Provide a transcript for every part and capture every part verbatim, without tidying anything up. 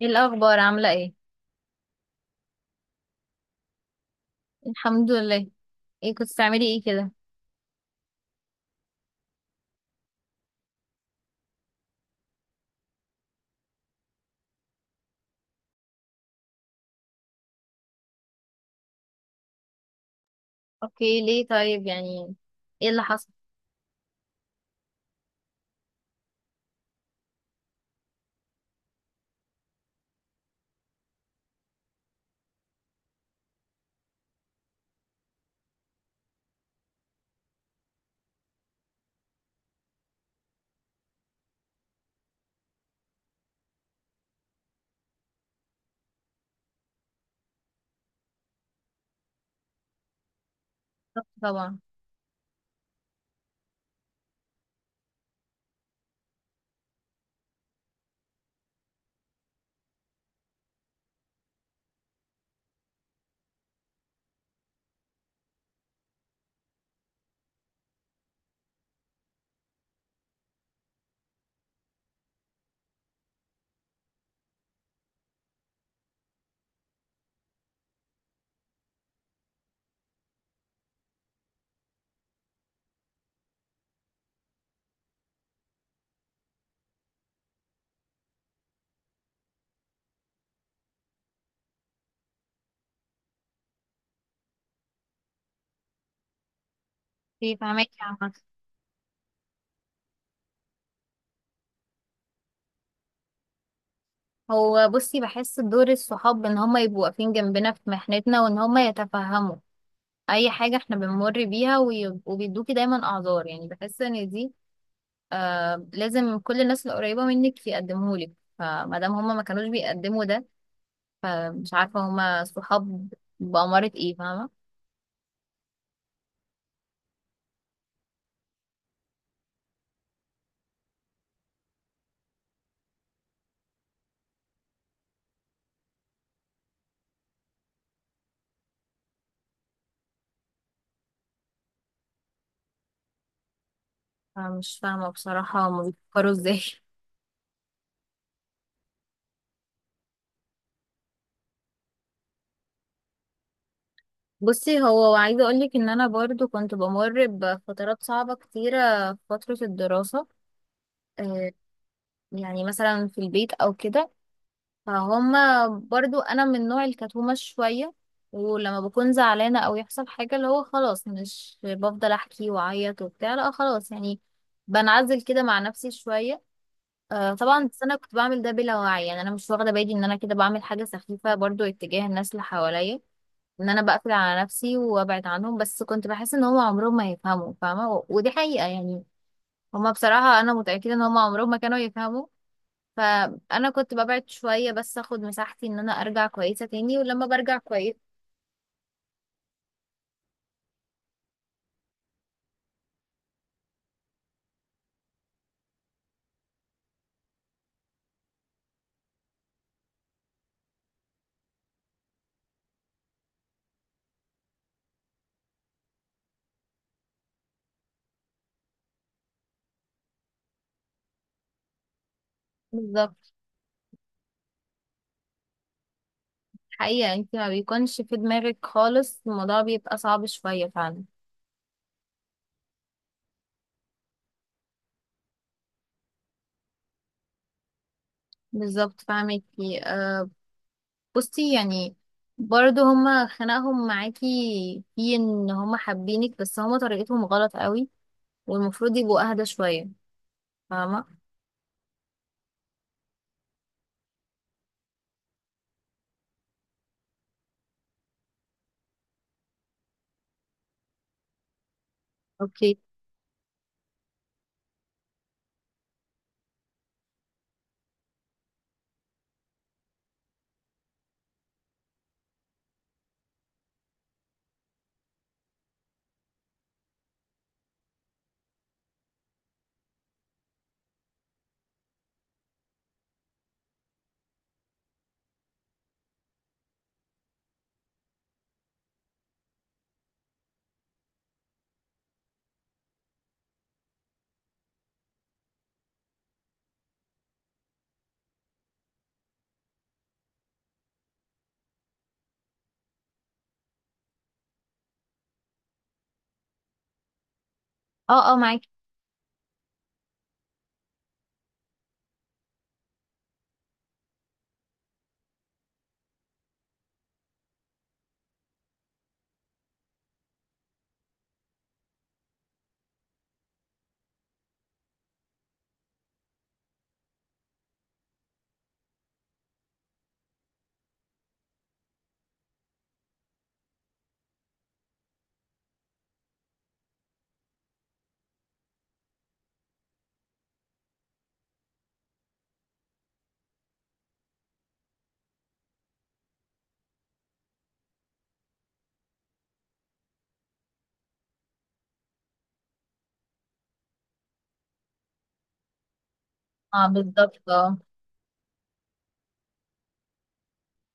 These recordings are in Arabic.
ايه الاخبار؟ عامله ايه؟ الحمد لله. ايه كنت بتعملي ايه كده؟ اوكي، ليه طيب؟ يعني ايه اللي حصل؟ طب طبعا. في فهمك عامه. هو بصي، بحس دور الصحاب ان هما يبقوا واقفين جنبنا في محنتنا، وان هما يتفهموا اي حاجه احنا بنمر بيها، ويبقوا بيدوكي دايما اعذار. يعني بحس ان دي، آه، لازم كل الناس القريبه منك يقدمهولك. فما دام هما ما كانوش بيقدموا ده، فمش عارفه هما صحاب بأمارة ايه، فاهمه؟ أنا مش فاهمة بصراحة هما بيفكروا ازاي. بصي، هو عايزة اقولك ان انا برضو كنت بمر بفترات صعبة كتيرة في فترة الدراسة. آه، يعني مثلا في البيت او كده. فهما برضو، انا من نوع الكتومة شوية، ولما بكون زعلانة او يحصل حاجة، اللي هو خلاص مش بفضل احكي واعيط وبتاع، لا خلاص يعني بنعزل كده مع نفسي شوية. آه، طبعا. بس انا كنت بعمل ده بلا وعي، يعني انا مش واخدة بالي ان انا كده بعمل حاجة سخيفة برضو اتجاه الناس اللي حواليا، ان انا بقفل على نفسي وابعد عنهم. بس كنت بحس ان هم عمرهم ما يفهموا، فاهمه؟ و- ودي حقيقه يعني هم بصراحه انا متاكده ان هم عمرهم ما كانوا يفهموا. فانا كنت ببعد شويه بس اخد مساحتي ان انا ارجع كويسه تاني، ولما برجع كويس. بالظبط. حقيقه انت ما بيكونش في دماغك خالص، الموضوع بيبقى صعب شويه فعلا. بالظبط، فاهمكي، أه. بصي، يعني برضه هما خناقهم معاكي في ان هما حابينك، بس هما طريقتهم غلط قوي، والمفروض يبقوا اهدى شويه، فاهمه؟ اوكي، اه اه، معاكي، اه بالظبط اه.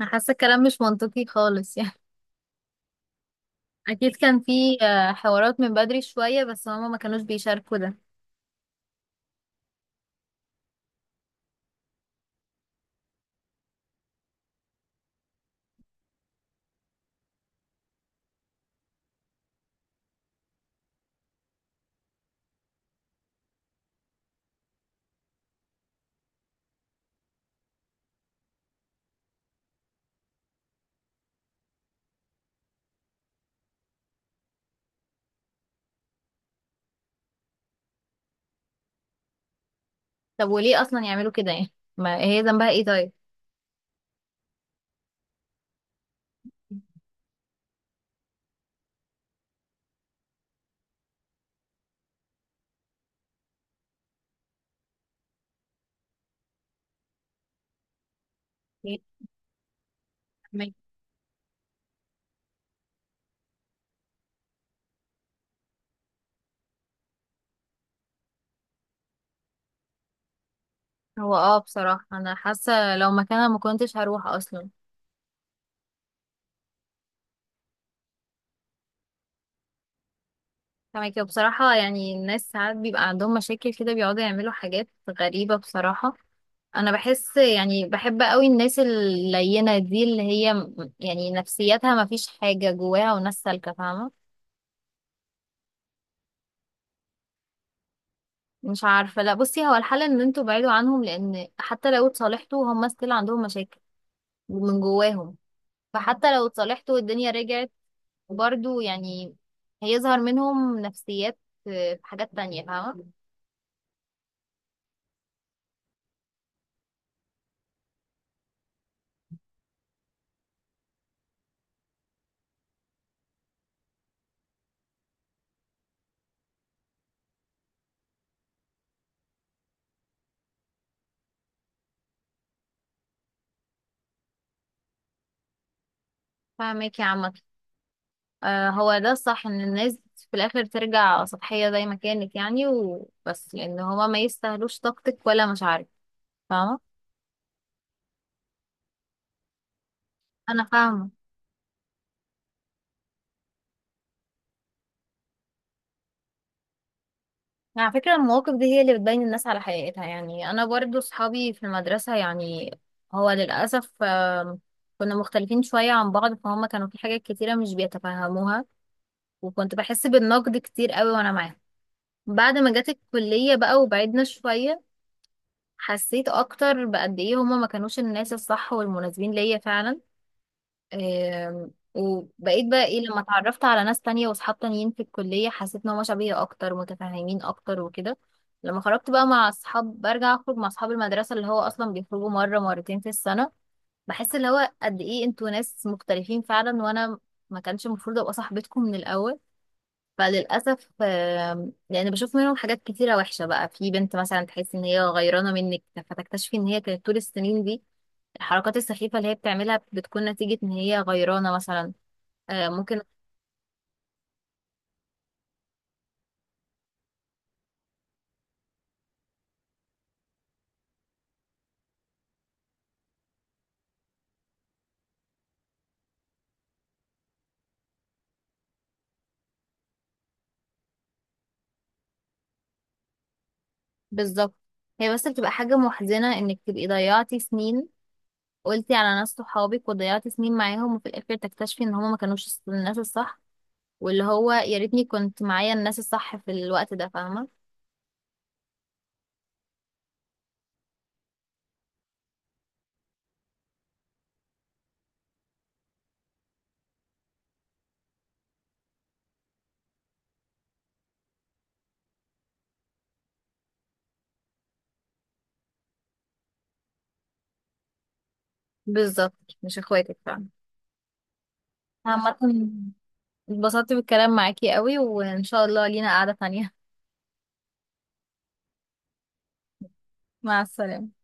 أنا حاسه الكلام مش منطقي خالص يعني اكيد كان في آه، حوارات من بدري شويه، بس هما ما كانوش بيشاركوا ده. طب وليه اصلا يعملوا كده؟ يعني ما هي ذنبها ايه طيب؟ أوكي، فهماكي. هو اه، بصراحه انا حاسه لو مكانها ما كنتش هروح اصلا. فاهمك. وبصراحه يعني الناس ساعات بيبقى عندهم مشاكل كده، بيقعدوا يعملوا حاجات غريبه بصراحه. انا بحس يعني بحب قوي الناس اللينة دي، اللي هي م- يعني نفسيتها ما فيش حاجة جواها، وناس سالكة، فاهمة؟ مش عارفة. لا بصي، هو الحل ان انتوا بعيدوا عنهم، لان حتى لو اتصالحتوا هم ستيل عندهم مشاكل من جواهم. فحتى لو اتصالحتوا والدنيا رجعت، برضو يعني هيظهر منهم نفسيات في في حاجات تانية، فاهمة؟ فاهمك يا عم. آه، هو ده الصح، ان الناس في الاخر ترجع سطحية زي ما كانت يعني وبس، لان هما ما يستاهلوش طاقتك ولا مشاعرك، فاهمة؟ انا فاهمه. يعني على فكره المواقف دي هي اللي بتبين الناس على حقيقتها. يعني انا برضو صحابي في المدرسه، يعني هو للاسف آم، كنا مختلفين شويه عن بعض، فهم كانوا في حاجات كتيره مش بيتفهموها، وكنت بحس بالنقد كتير قوي وانا معاهم. بعد ما جت الكليه بقى وبعدنا شويه، حسيت اكتر بقد ايه هما ما كانوش الناس الصح والمناسبين ليا فعلا. آم، وبقيت بقى ايه، لما اتعرفت على ناس تانية وصحاب تانيين في الكلية، حسيت ان هما شبهي اكتر، متفاهمين اكتر وكده. لما خرجت بقى مع اصحاب، برجع اخرج مع اصحاب المدرسة، اللي هو اصلا بيخرجوا مرة مرتين في السنة، بحس اللي هو قد ايه انتوا ناس مختلفين فعلا، وانا ما كانش المفروض ابقى صاحبتكم من الاول. فللاسف آم، يعني بشوف منهم حاجات كتيرة وحشة. بقى في بنت مثلا تحس ان هي غيرانة منك، فتكتشفي ان هي كانت طول السنين دي الحركات السخيفة اللي هي بتعملها بتكون نتيجة ان هي غيرانة مثلا. آه، ممكن. بالظبط. هي بس بتبقى حاجة محزنة انك تبقي ضيعتي سنين، قلتي على ناس صحابك، وضيعتي سنين معاهم، وفي الاخر تكتشفي ان هما ما كانوش الص- الناس الصح. واللي هو يا ريتني كنت معايا الناس الصح في الوقت ده، فاهمة؟ بالظبط، مش اخواتك، فاهمة؟ عامة، اتبسطت بالكلام معاكي قوي، وان شاء الله لينا قعدة تانية. مع السلامة.